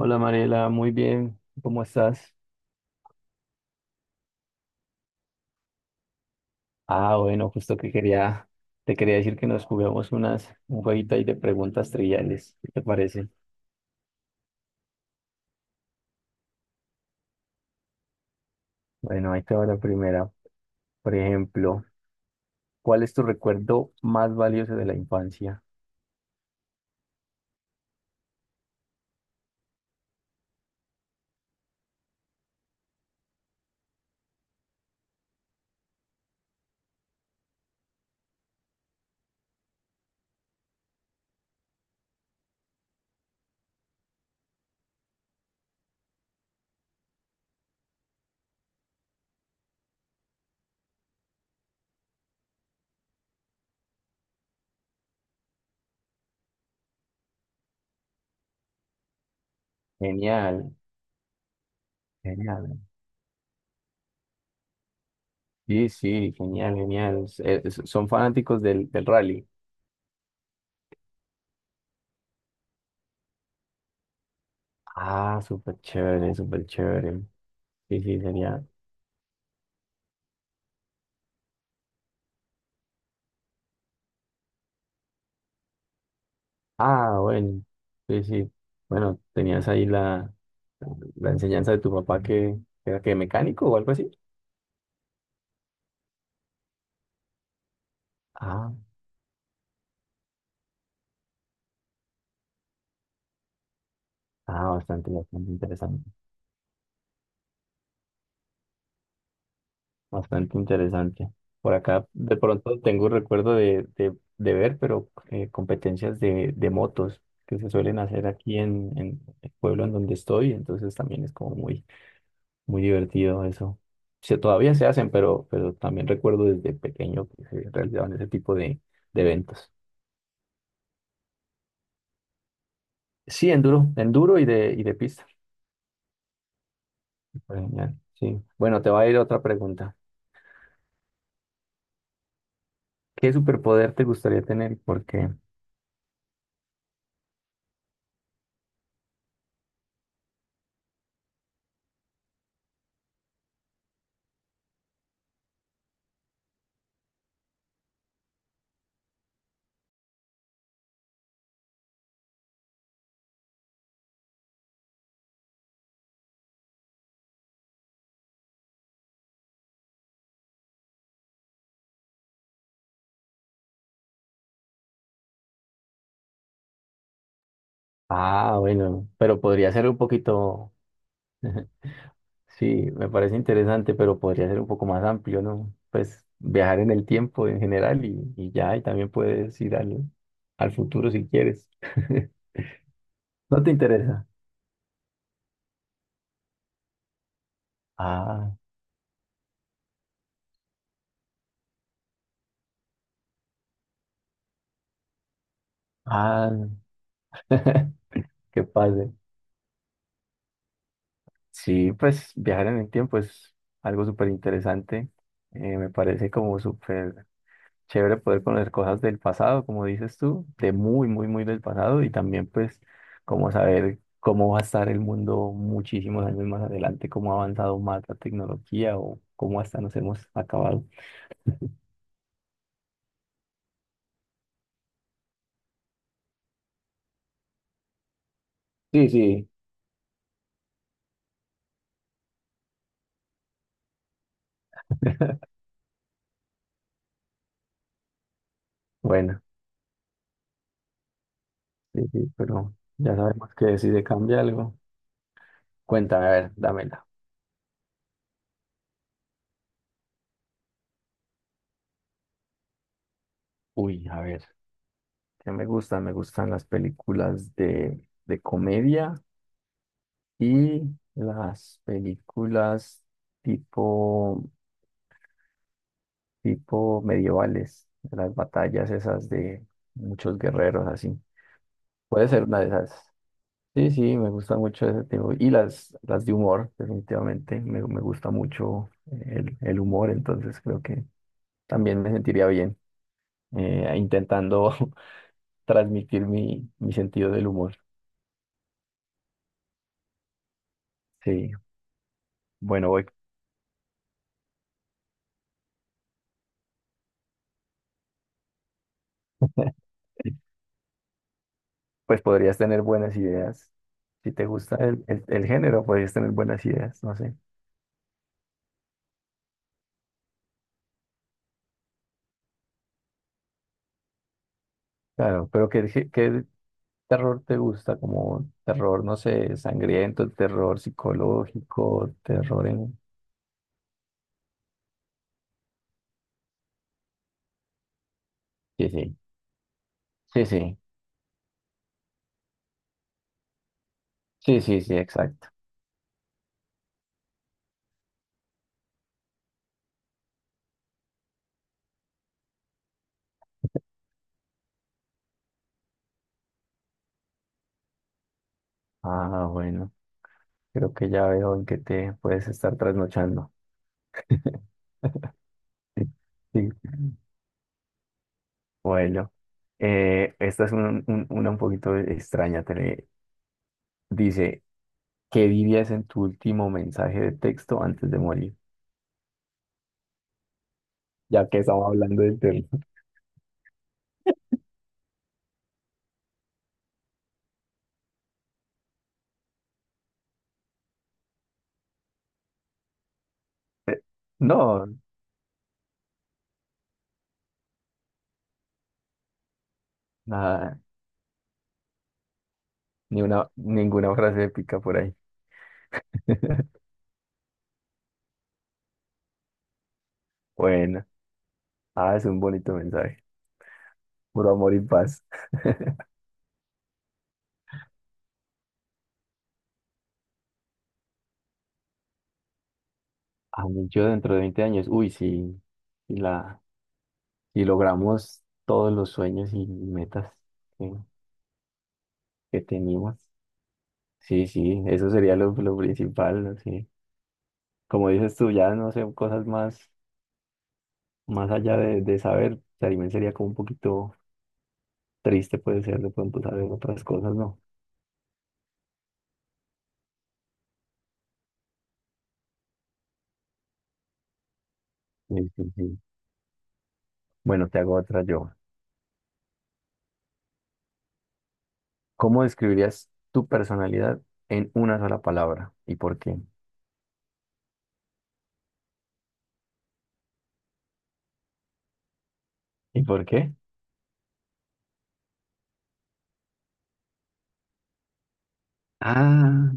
Hola Mariela, muy bien, ¿cómo estás? Ah, bueno, justo que quería, te quería decir que nos juguemos un jueguito ahí de preguntas triviales, ¿qué te parece? Bueno, ahí te va la primera. Por ejemplo, ¿cuál es tu recuerdo más valioso de la infancia? Genial, genial. Sí, sí, genial, genial. Son fanáticos del rally. Ah, súper chévere, súper chévere. Sí, sí, sería. Ah, bueno, sí, sí. Bueno, tenías ahí la la enseñanza de tu papá que era que mecánico o algo así. Ah, ah, bastante, bastante interesante. Bastante interesante. Por acá de pronto tengo un recuerdo de ver, pero competencias de motos que se suelen hacer aquí en el pueblo en donde estoy. Entonces también es como muy, muy divertido eso. Se, todavía se hacen, pero también recuerdo desde pequeño que se realizaban ese tipo de eventos. Sí, enduro, enduro y de pista. Genial, sí. Bueno, te va a ir otra pregunta. ¿Qué superpoder te gustaría tener? Porque, ah, bueno, pero podría ser un poquito, sí, me parece interesante, pero podría ser un poco más amplio, ¿no? Pues viajar en el tiempo en general y ya, y también puedes ir al futuro si quieres. ¿No te interesa? Ah, ah, que pase. Sí, pues viajar en el tiempo es algo súper interesante. Me parece como súper chévere poder conocer cosas del pasado, como dices tú, de muy, muy, muy del pasado y también pues como saber cómo va a estar el mundo muchísimos años más adelante, cómo ha avanzado más la tecnología o cómo hasta nos hemos acabado. Sí, sí. Bueno, sí, sí, pero ya sabemos que si se cambia algo, cuéntame, a ver, dámela. Uy, a ver, ¿qué me gustan? Me gustan las películas de comedia y las películas tipo, tipo medievales, de las batallas esas de muchos guerreros así. Puede ser una de esas. Sí, sí, me gusta mucho ese tipo. Y las de humor, definitivamente. Me gusta mucho el humor, entonces creo que también me sentiría bien intentando transmitir mi sentido del humor. Sí, bueno, voy. Pues podrías tener buenas ideas. Si te gusta el género, podrías tener buenas ideas, no sé. Claro, pero ¿qué, qué, qué terror te gusta? Como terror, no sé, sangriento, terror psicológico, terror en, sí, sí, sí, sí, sí, sí, sí, exacto. Ah, bueno, creo que ya veo en qué te puedes estar trasnochando. Sí. Bueno, esta es una un poquito extraña. Dice, ¿qué dirías en tu último mensaje de texto antes de morir? Ya que estamos hablando del tema. No, nada, ni una, ninguna frase épica por ahí. Bueno. Ah, es un bonito mensaje. Puro amor y paz. A mí yo dentro de 20 años, uy, sí, y la, si logramos todos los sueños y metas que, que teníamos. Sí, sí, eso sería lo principal, ¿no? Sí. Como dices tú, ya no sé, cosas más, más allá de saber, también sería como un poquito triste puede ser de pronto saber otras cosas, ¿no? Sí, sí, sí. Bueno, te hago otra yo. ¿Cómo describirías tu personalidad en una sola palabra? ¿Y por qué? ¿Y por qué? Ah,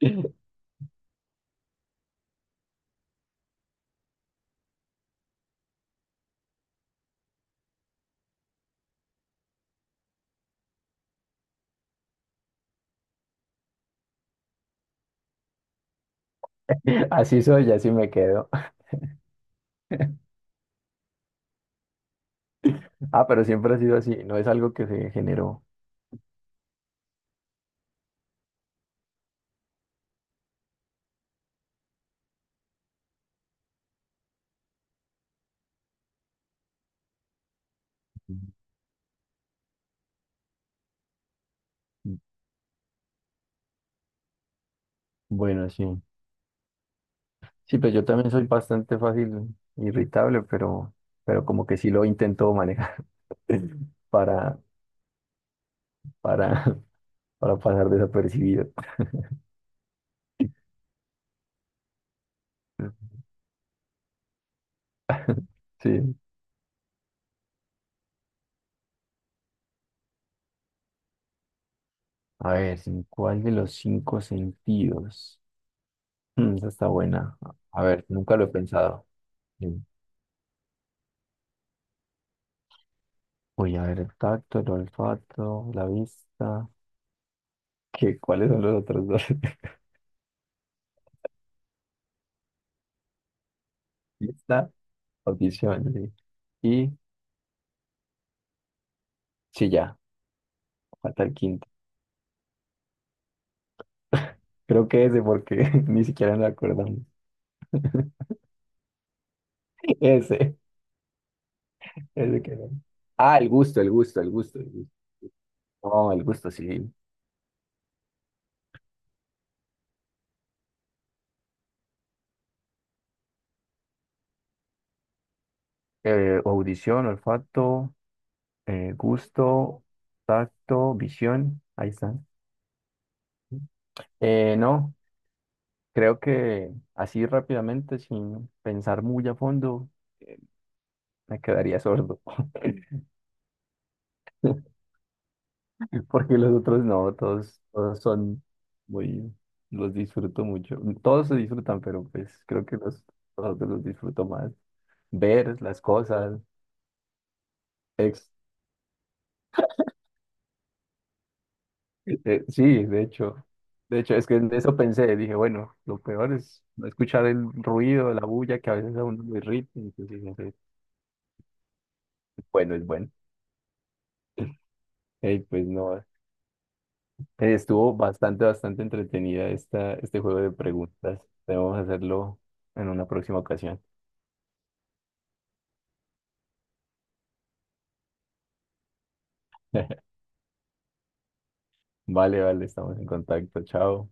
así soy, así me quedo. Ah, pero siempre ha sido así, no es algo que se generó. Bueno, sí. Sí, pues yo también soy bastante fácil, irritable, pero como que sí lo intento manejar para, para, para pasar desapercibido. Sí. A ver, ¿en cuál de los 5 sentidos? Mm, esa está buena. A ver, nunca lo he pensado. Sí. Uy, a ver, el tacto, el olfato, la vista. ¿Qué, cuáles son los otros dos? Lista, audición. Sí. Y sí, ya, falta el quinto. Creo que ese porque ni siquiera nos acordamos. Ese, ese que no. Ah, el gusto, el gusto, el gusto, el gusto. No, el gusto, sí. Audición, olfato, gusto, tacto, visión. Ahí están. No, creo que así rápidamente, sin pensar muy a fondo, me quedaría sordo. Porque los otros no, todos, todos son muy, los disfruto mucho. Todos se disfrutan, pero pues creo que los otros los disfruto más. Ver las cosas. Ex, sí, de hecho, es que en eso pensé, dije, bueno, lo peor es no escuchar el ruido, la bulla, que a veces a uno lo irrita, entonces no sé. Es bueno, es bueno. Ey, pues no, estuvo bastante, bastante entretenida esta, este juego de preguntas. Debemos hacerlo en una próxima ocasión. Vale, vale, estamos en contacto. Chao.